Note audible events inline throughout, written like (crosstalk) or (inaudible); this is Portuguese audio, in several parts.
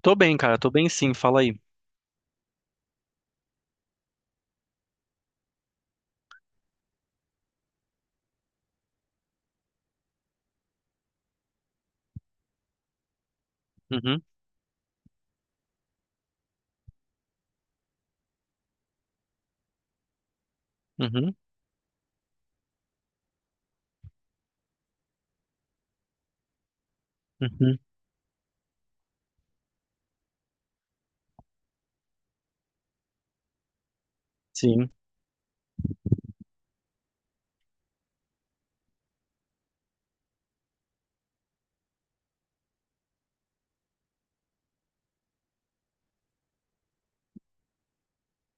Tô bem, cara, tô bem sim, fala aí. Uhum, uhum, uhum, sim.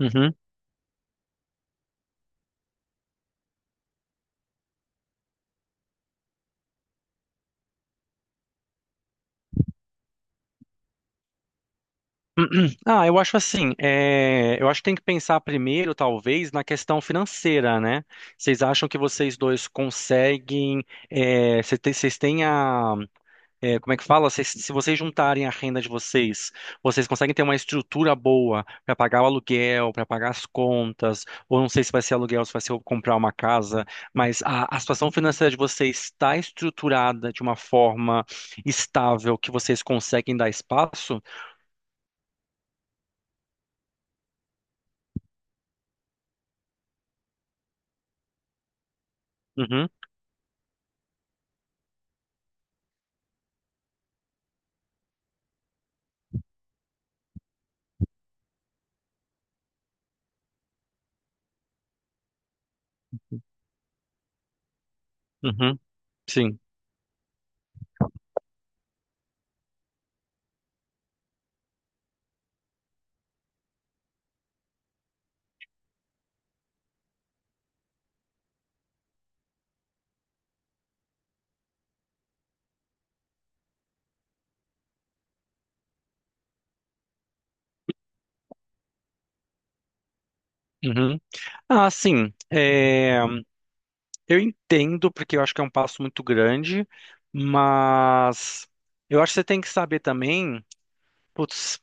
Uhum. Ah, eu acho assim, é, eu acho que tem que pensar primeiro, talvez, na questão financeira, né? Vocês acham que vocês dois conseguem, é, vocês têm a é, como é que fala? Se vocês juntarem a renda de vocês, vocês conseguem ter uma estrutura boa para pagar o aluguel, para pagar as contas, ou não sei se vai ser aluguel, se vai ser comprar uma casa, mas a situação financeira de vocês está estruturada de uma forma estável que vocês conseguem dar espaço? Uhum, uhum, sim. Uhum. Ah, sim. É, eu entendo, porque eu acho que é um passo muito grande, mas eu acho que você tem que saber também. Putz,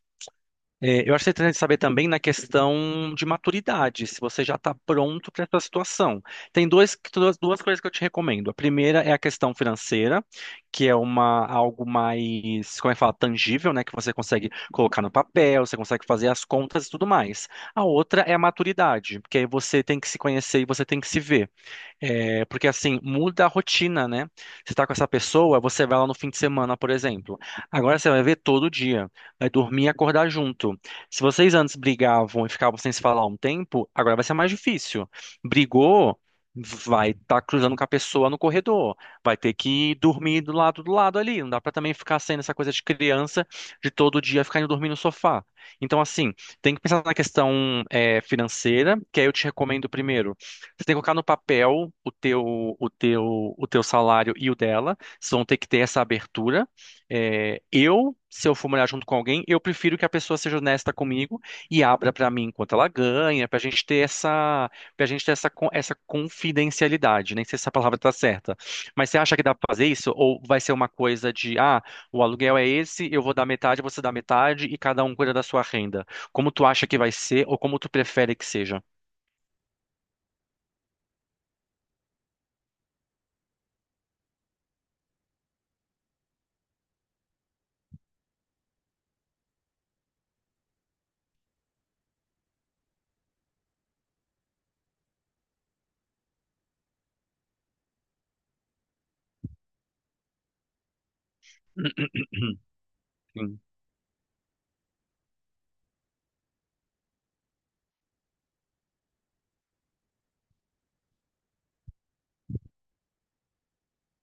é, eu acho interessante saber também na questão de maturidade, se você já está pronto para essa situação. Tem dois, duas coisas que eu te recomendo. A primeira é a questão financeira, que é uma, algo mais, como é que fala, tangível, né? Que você consegue colocar no papel, você consegue fazer as contas e tudo mais. A outra é a maturidade, porque aí você tem que se conhecer e você tem que se ver. É, porque assim, muda a rotina, né? Você tá com essa pessoa, você vai lá no fim de semana, por exemplo. Agora você vai ver todo dia, vai dormir e acordar junto. Se vocês antes brigavam e ficavam sem se falar um tempo, agora vai ser mais difícil. Brigou, vai estar cruzando com a pessoa no corredor, vai ter que dormir do lado ali. Não dá pra também ficar sendo essa coisa de criança de todo dia ficar indo dormir no sofá. Então, assim, tem que pensar na questão, é, financeira, que aí eu te recomendo primeiro. Você tem que colocar no papel o teu salário e o dela. Vocês vão ter que ter essa abertura. É, eu, se eu for morar junto com alguém, eu prefiro que a pessoa seja honesta comigo e abra para mim quanto ela ganha, para gente ter essa, essa confidencialidade. Nem sei se essa palavra está certa. Mas você acha que dá para fazer isso? Ou vai ser uma coisa de, ah, o aluguel é esse, eu vou dar metade, você dá metade e cada um cuida da sua renda? Como tu acha que vai ser ou como tu prefere que seja? (clears throat) Sim.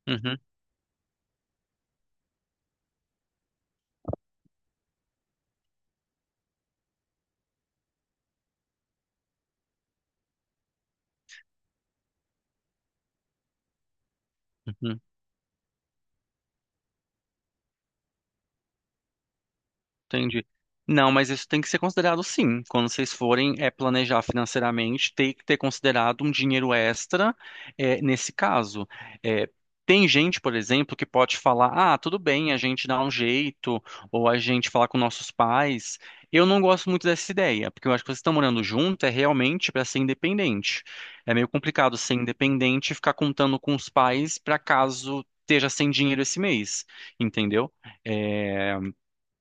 Uhum, uhum, entendi. Não, mas isso tem que ser considerado sim. Quando vocês forem é planejar financeiramente, tem que ter considerado um dinheiro extra é, nesse caso. É, tem gente, por exemplo, que pode falar: ah, tudo bem, a gente dá um jeito, ou a gente fala com nossos pais. Eu não gosto muito dessa ideia, porque eu acho que vocês estão morando junto é realmente para ser independente. É meio complicado ser independente e ficar contando com os pais para caso esteja sem dinheiro esse mês, entendeu? É,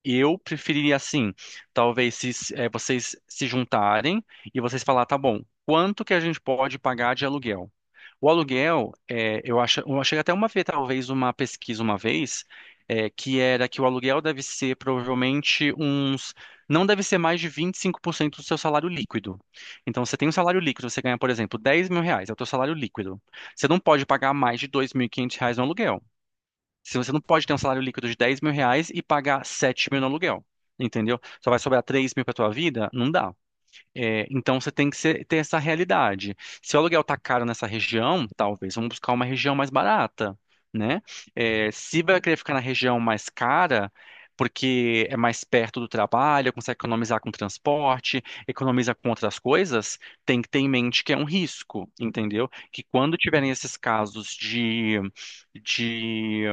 eu preferiria assim, talvez se vocês se juntarem e vocês falar, tá bom, quanto que a gente pode pagar de aluguel? O aluguel, eu achei até uma vez, talvez uma pesquisa uma vez, que era que o aluguel deve ser provavelmente uns, não deve ser mais de 25% do seu salário líquido. Então, você tem um salário líquido, você ganha, por exemplo, 10 mil reais, é o teu salário líquido. Você não pode pagar mais de R$ 2.500 no aluguel. Se você não pode ter um salário líquido de 10 mil reais e pagar 7 mil no aluguel, entendeu? Só vai sobrar 3 mil para tua vida? Não dá. É, então você tem que ter essa realidade. Se o aluguel tá caro nessa região, talvez vamos buscar uma região mais barata, né? É, se vai querer ficar na região mais cara, porque é mais perto do trabalho, consegue economizar com transporte, economiza com outras coisas, tem que ter em mente que é um risco, entendeu? Que quando tiverem esses casos de, de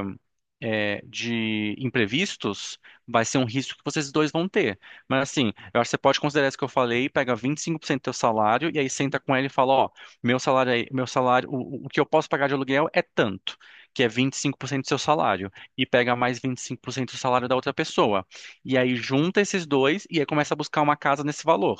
de imprevistos, vai ser um risco que vocês dois vão ter. Mas assim, eu acho que você pode considerar isso que eu falei, pega 25% do teu salário e aí senta com ele e fala, ó, meu salário aí, meu salário, o que eu posso pagar de aluguel é tanto, que é 25% do seu salário, e pega mais 25% do salário da outra pessoa. E aí junta esses dois e aí começa a buscar uma casa nesse valor.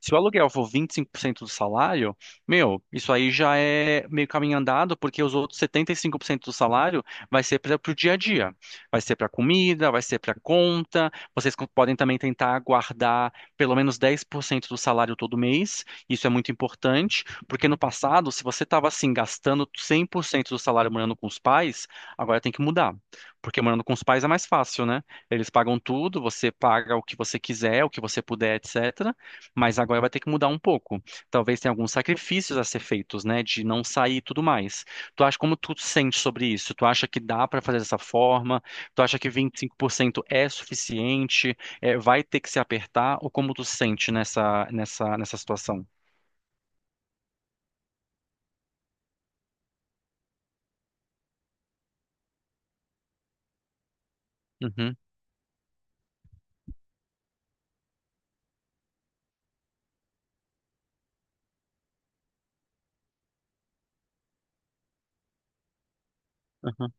Se o aluguel for 25% do salário, meu, isso aí já é meio caminho andado, porque os outros 75% do salário vai ser para o dia a dia, vai ser para comida, vai ser para conta. Vocês podem também tentar guardar pelo menos 10% do salário todo mês, isso é muito importante, porque no passado, se você estava assim, gastando 100% do salário morando com os pais, agora tem que mudar, porque morando com os pais é mais fácil, né? Eles pagam tudo, você paga o que você quiser, o que você puder, etc. Mas agora vai ter que mudar um pouco. Talvez tenha alguns sacrifícios a ser feitos, né? De não sair e tudo mais. Tu acha como tu sente sobre isso? Tu acha que dá para fazer dessa forma? Tu acha que 25% é suficiente? É, vai ter que se apertar? Ou como tu sente nessa situação? Uhum, uhum,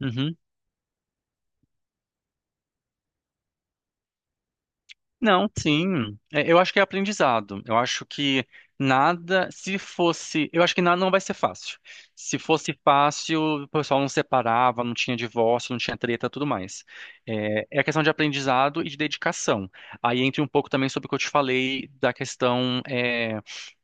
uhum. Não, sim. É, eu acho que é aprendizado. Eu acho que nada, se fosse, eu acho que nada não vai ser fácil. Se fosse fácil, o pessoal não separava, não tinha divórcio, não tinha treta, tudo mais. É, é a questão de aprendizado e de dedicação. Aí entra um pouco também sobre o que eu te falei da questão, é,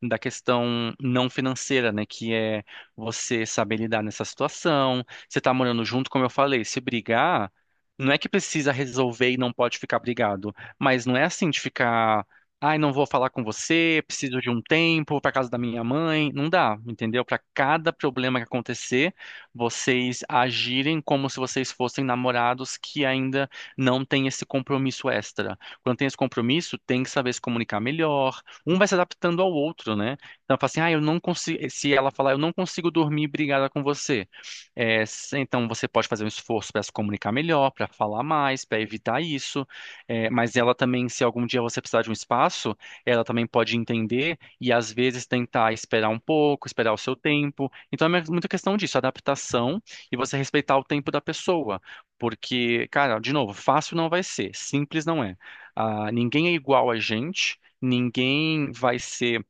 da questão não financeira, né? Que é você saber lidar nessa situação. Você tá morando junto, como eu falei, se brigar, não é que precisa resolver e não pode ficar brigado. Mas não é assim de ficar, ai, não vou falar com você, preciso de um tempo para casa da minha mãe. Não dá, entendeu? Para cada problema que acontecer, vocês agirem como se vocês fossem namorados que ainda não têm esse compromisso extra. Quando tem esse compromisso, tem que saber se comunicar melhor. Um vai se adaptando ao outro, né? Então, fala assim, ah, eu não consigo. Se ela falar, eu não consigo dormir brigada com você. É, então, você pode fazer um esforço para se comunicar melhor, para falar mais, para evitar isso. É, mas ela também, se algum dia você precisar de um espaço, ela também pode entender e às vezes tentar esperar um pouco, esperar o seu tempo. Então é muita questão disso, adaptação e você respeitar o tempo da pessoa. Porque, cara, de novo, fácil não vai ser, simples não é. Ah, ninguém é igual a gente, ninguém vai ser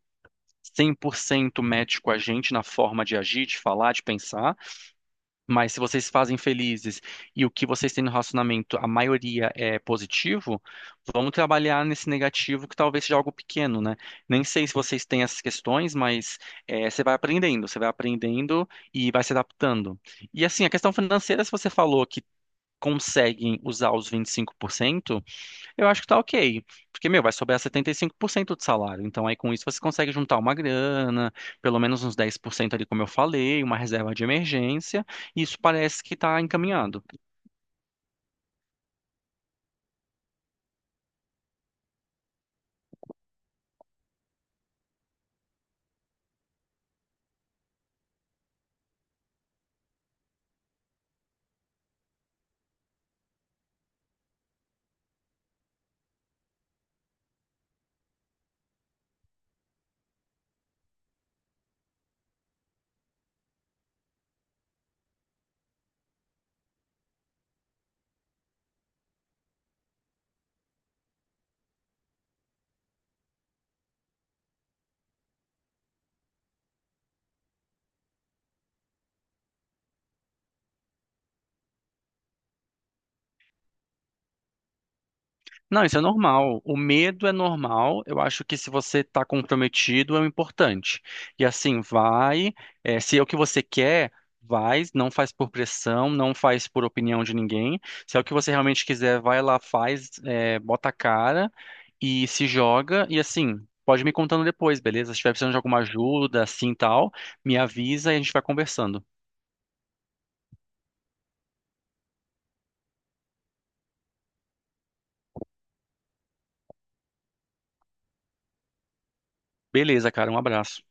100% match com a gente na forma de agir, de falar, de pensar. Mas se vocês se fazem felizes e o que vocês têm no relacionamento, a maioria é positivo, vamos trabalhar nesse negativo que talvez seja algo pequeno, né? Nem sei se vocês têm essas questões, mas você vai aprendendo e vai se adaptando. E assim, a questão financeira, se você falou que conseguem usar os 25%, eu acho que tá ok. Porque, meu, vai sobrar 75% do salário. Então, aí com isso você consegue juntar uma grana, pelo menos uns 10% ali, como eu falei, uma reserva de emergência, e isso parece que tá encaminhado. Não, isso é normal. O medo é normal. Eu acho que se você está comprometido, é o importante. E assim, vai. Se é o que você quer, vai. Não faz por pressão, não faz por opinião de ninguém. Se é o que você realmente quiser, vai lá, faz, bota a cara e se joga. E assim, pode me contando depois, beleza? Se estiver precisando de alguma ajuda, assim tal, me avisa e a gente vai conversando. Beleza, cara, um abraço.